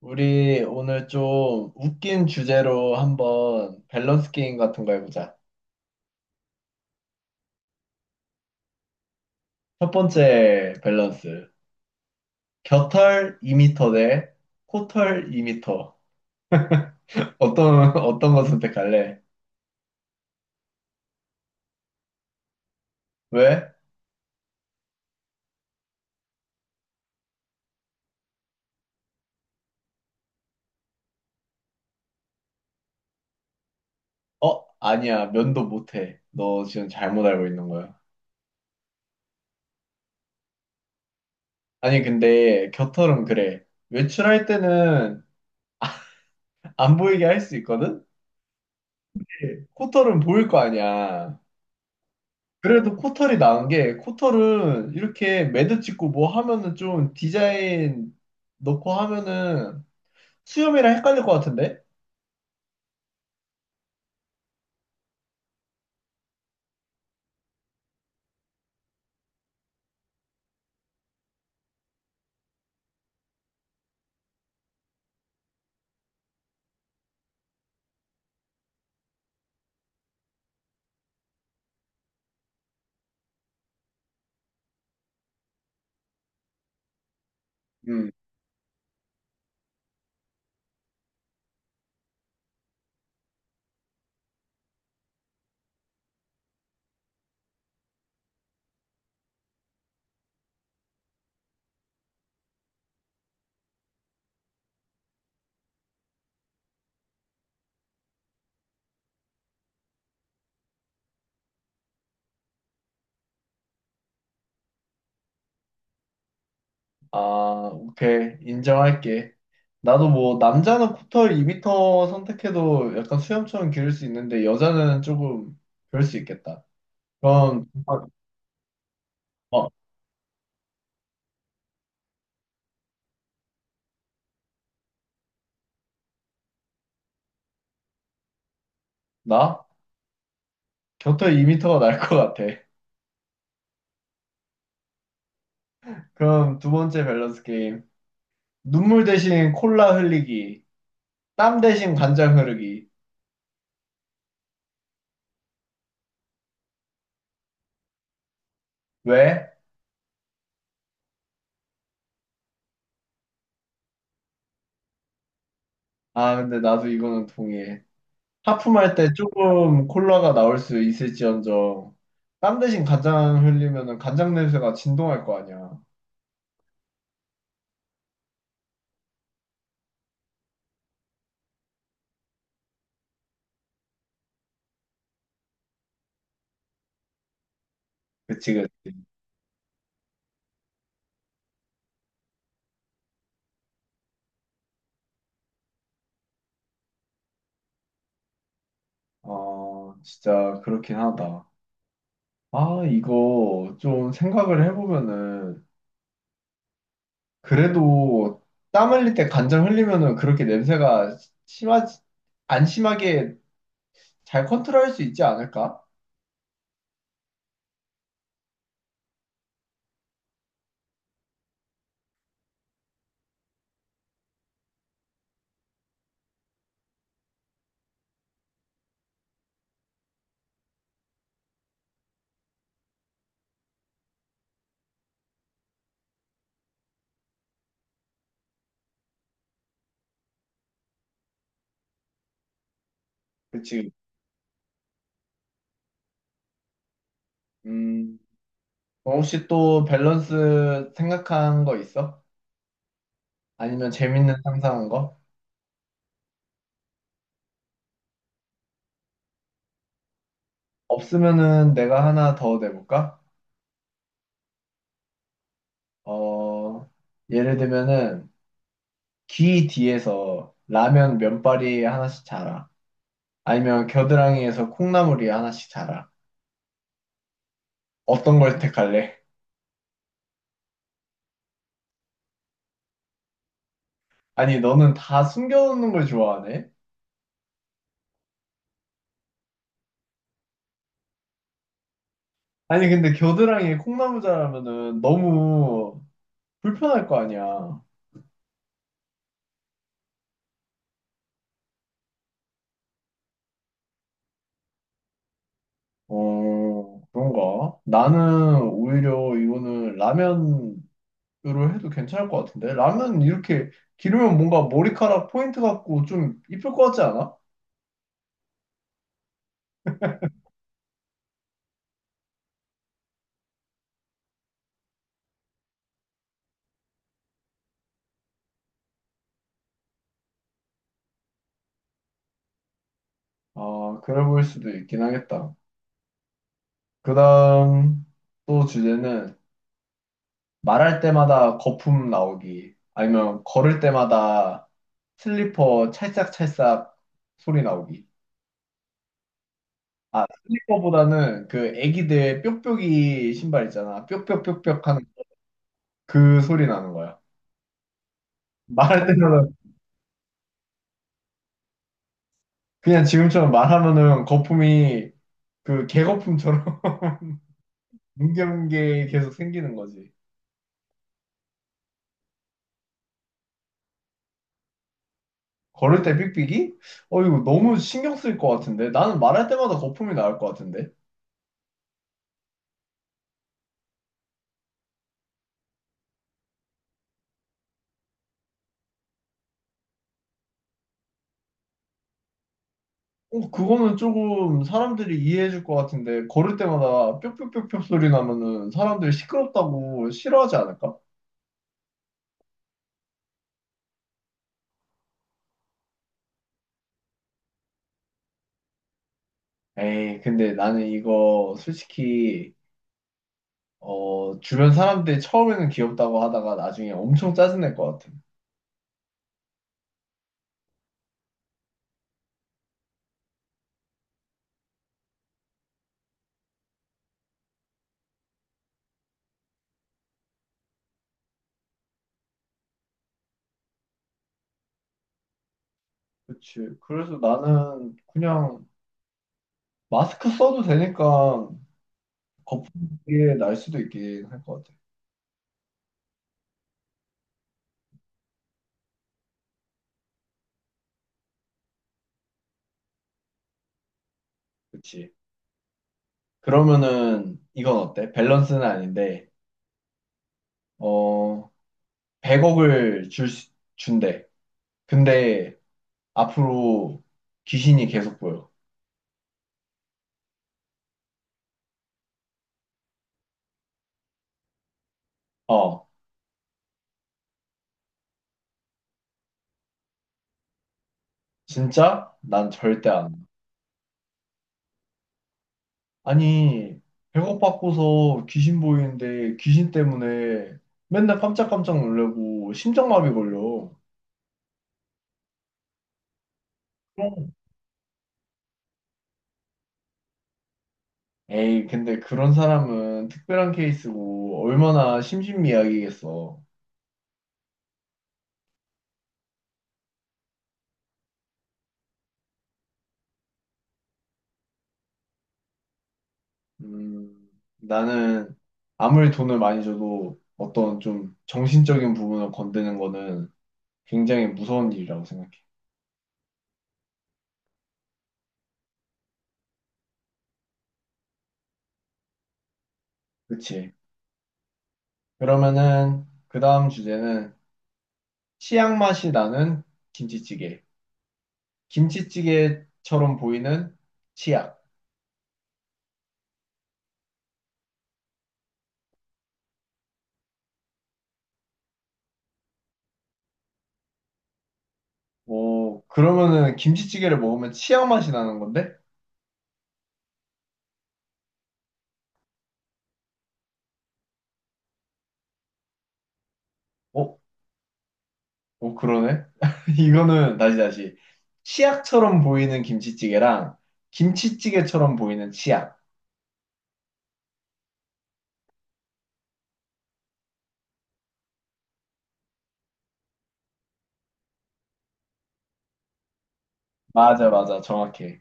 우리 오늘 좀 웃긴 주제로 한번 밸런스 게임 같은 거 해보자. 첫 번째 밸런스. 겨털 2미터 대 코털 2미터. 어떤, 어떤 거 선택할래? 왜? 어? 아니야. 면도 못해. 너 지금 잘못 알고 있는 거야. 아니, 근데 겨털은 그래. 외출할 때는 안 보이게 할 수 있거든? 코털은 보일 거 아니야. 그래도 코털이 나은 게 코털은 이렇게 매듭 찍고 뭐 하면은 좀 디자인 넣고 하면은 수염이랑 헷갈릴 것 같은데? 음. 아, 오케이. 인정할게. 나도 뭐 남자는 코털 2m 선택해도 약간 수염처럼 기를 수 있는데 여자는 조금 그럴 수 있겠다. 그럼 아, 어, 나? 곁털 2미터가 날 것 같아. 그럼 두 번째 밸런스 게임. 눈물 대신 콜라 흘리기. 땀 대신 간장 흐르기. 왜? 아, 근데 나도 이거는 동의해. 하품할 때 조금 콜라가 나올 수 있을지언정, 땀 대신 간장 흘리면은 간장 냄새가 진동할 거 아니야. 그치, 그치. 어, 진짜 그렇긴 하다. 아, 이거 좀 생각을 해보면은, 그래도 땀 흘릴 때 간장 흘리면은 그렇게 냄새가 심하지, 안 심하게 잘 컨트롤할 수 있지 않을까? 그치. 음, 어, 혹시 또 밸런스 생각한 거 있어? 아니면 재밌는 상상한 거? 없으면은 내가 하나 더 내볼까? 어, 예를 들면은 귀 뒤에서 라면 면발이 하나씩 자라. 아니면 겨드랑이에서 콩나물이 하나씩 자라. 어떤 걸 택할래? 아니, 너는 다 숨겨놓는 걸 좋아하네? 아니, 근데 겨드랑이에 콩나물 자라면은 너무 불편할 거 아니야. 어, 그런가? 나는 오히려 이거는 라면 로 해도 괜찮을 것 같은데 라면 이렇게 기르면 뭔가 머리카락 포인트 같고 좀 이쁠 것 같지 않아? 아, 그래 보일 수도 있긴 하겠다. 그다음 또 주제는 말할 때마다 거품 나오기 아니면 걸을 때마다 슬리퍼 찰싹찰싹 소리 나오기. 아, 슬리퍼보다는 그 애기들 뾱뾱이 신발 있잖아, 뾱뾱뾱뾱 하는 그 소리 나는 거야. 말할 때마다 그냥 지금처럼 말하면은 거품이 그 개거품처럼 문경계 계속 생기는 거지. 걸을 때 삑삑이? 어, 이거 너무 신경 쓸 것 같은데? 나는 말할 때마다 거품이 나올 것 같은데? 어, 그거는 조금 사람들이 이해해 줄 것 같은데, 걸을 때마다 뿅뿅뿅뿅 소리 나면은 사람들이 시끄럽다고 싫어하지 않을까? 에이, 근데 나는 이거 솔직히, 어, 주변 사람들이 처음에는 귀엽다고 하다가 나중에 엄청 짜증낼 것 같아. 그치. 그래서 나는 그냥 마스크 써도 되니까 거품이 날 수도 있긴 할 것 같아. 그치. 그러면은 이건 어때? 밸런스는 아닌데, 어, 100억을 준대. 근데 앞으로 귀신이 계속 보여. 어, 진짜? 난 절대 안. 와. 아니, 100억 받고서 귀신 보이는데 귀신 때문에 맨날 깜짝깜짝 놀래고 심장마비 걸려. 그럼 에이, 근데 그런 사람은 특별한 케이스고 얼마나 심신미약이겠어. 음, 나는 아무리 돈을 많이 줘도 어떤 좀 정신적인 부분을 건드는 거는 굉장히 무서운 일이라고 생각해. 그치? 그러면은 그 다음 주제는 치약 맛이 나는 김치찌개. 김치찌개처럼 보이는 치약. 오, 그러면은 김치찌개를 먹으면 치약 맛이 나는 건데? 어? 어, 그러네? 이거는 다시 다시. 치약처럼 보이는 김치찌개랑 김치찌개처럼 보이는 치약. 맞아, 맞아. 정확해.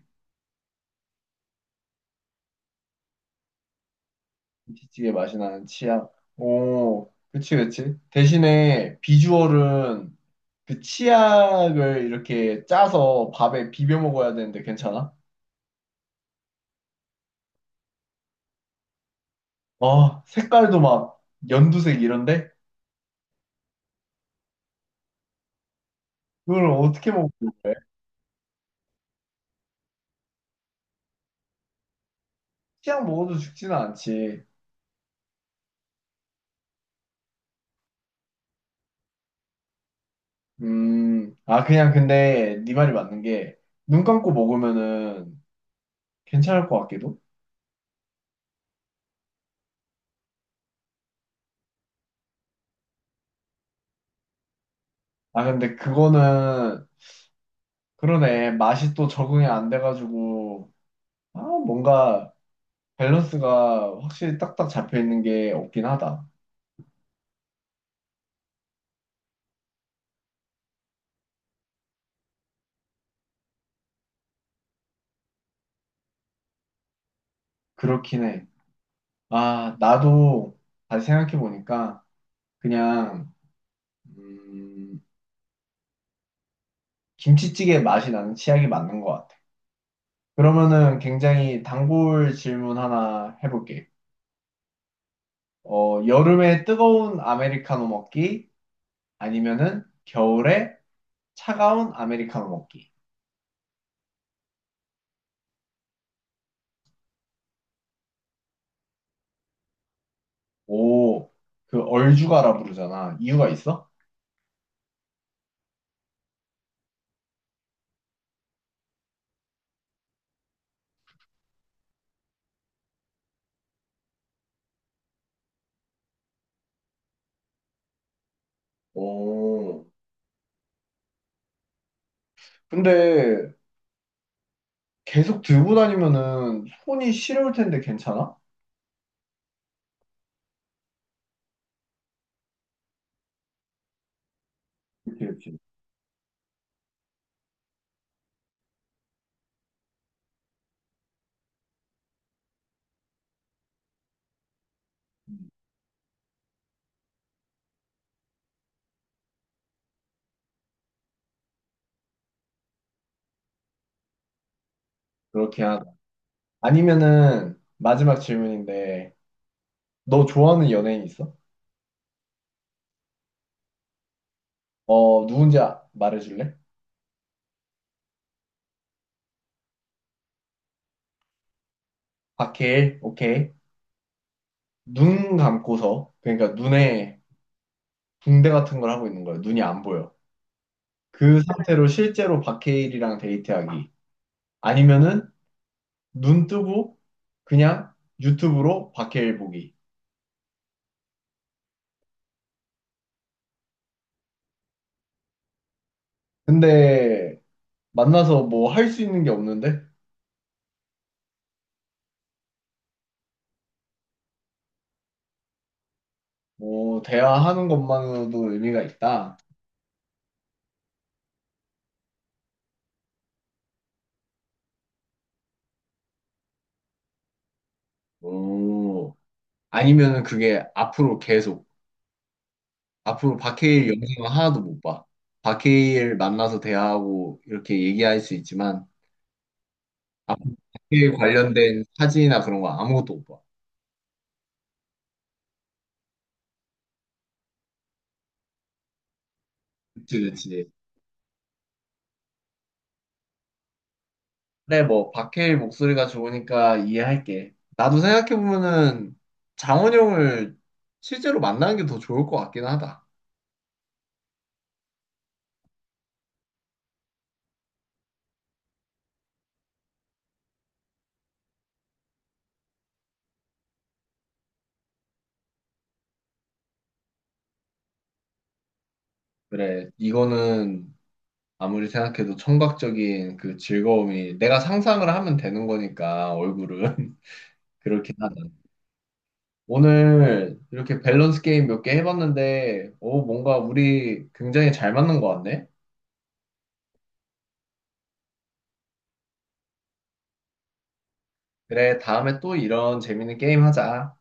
김치찌개 맛이 나는 치약. 오, 그치, 그치. 대신에 비주얼은 그 치약을 이렇게 짜서 밥에 비벼 먹어야 되는데 괜찮아? 아, 색깔도 막 연두색 이런데? 그걸 어떻게 먹고 그래? 치약 먹어도 죽지는 않지. 아, 그냥 근데 네 말이 맞는 게 눈 감고 먹으면은 괜찮을 것 같기도? 아, 근데 그거는 그러네. 맛이 또 적응이 안 돼가지고 아, 뭔가 밸런스가 확실히 딱딱 잡혀 있는 게 없긴 하다. 그렇긴 해. 아, 나도 다시 생각해 보니까 그냥 음, 김치찌개 맛이 나는 치약이 맞는 것 같아. 그러면은 굉장히 단골 질문 하나 해볼게. 어, 여름에 뜨거운 아메리카노 먹기 아니면은 겨울에 차가운 아메리카노 먹기. 오, 그 얼죽아라 부르잖아. 이유가 있어? 오. 근데 계속 들고 다니면은 손이 시려울 텐데 괜찮아? 그치, 그지. 그렇게 하자. 아니면은 마지막 질문인데 너 좋아하는 연예인 있어? 어, 누군지 말해줄래? 박해일 오케이. 눈 감고서, 그러니까 눈에 붕대 같은 걸 하고 있는 거야. 눈이 안 보여. 그 상태로 실제로 박해일이랑 데이트하기 아니면은 눈 뜨고 그냥 유튜브로 박해일 보기. 근데 만나서 뭐 할 수 있는 게 없는데. 오, 대화하는 것만으로도 의미가 있다. 오, 아니면은 그게 앞으로 계속, 앞으로 박해일 영상을 하나도 못 봐. 박해일 만나서 대화하고 이렇게 얘기할 수 있지만, 아, 박해일 관련된 사진이나 그런 거 아무것도 못 봐. 그치, 그치. 그래, 뭐, 박해일 목소리가 좋으니까 이해할게. 나도 생각해보면은 장원영을 실제로 만나는 게 더 좋을 것 같긴 하다. 그래, 이거는 아무리 생각해도 청각적인 그 즐거움이 내가 상상을 하면 되는 거니까 얼굴은 그렇긴 하다. 오늘 이렇게 밸런스 게임 몇 개 해봤는데 오, 뭔가 우리 굉장히 잘 맞는 것 같네. 그래, 다음에 또 이런 재밌는 게임 하자.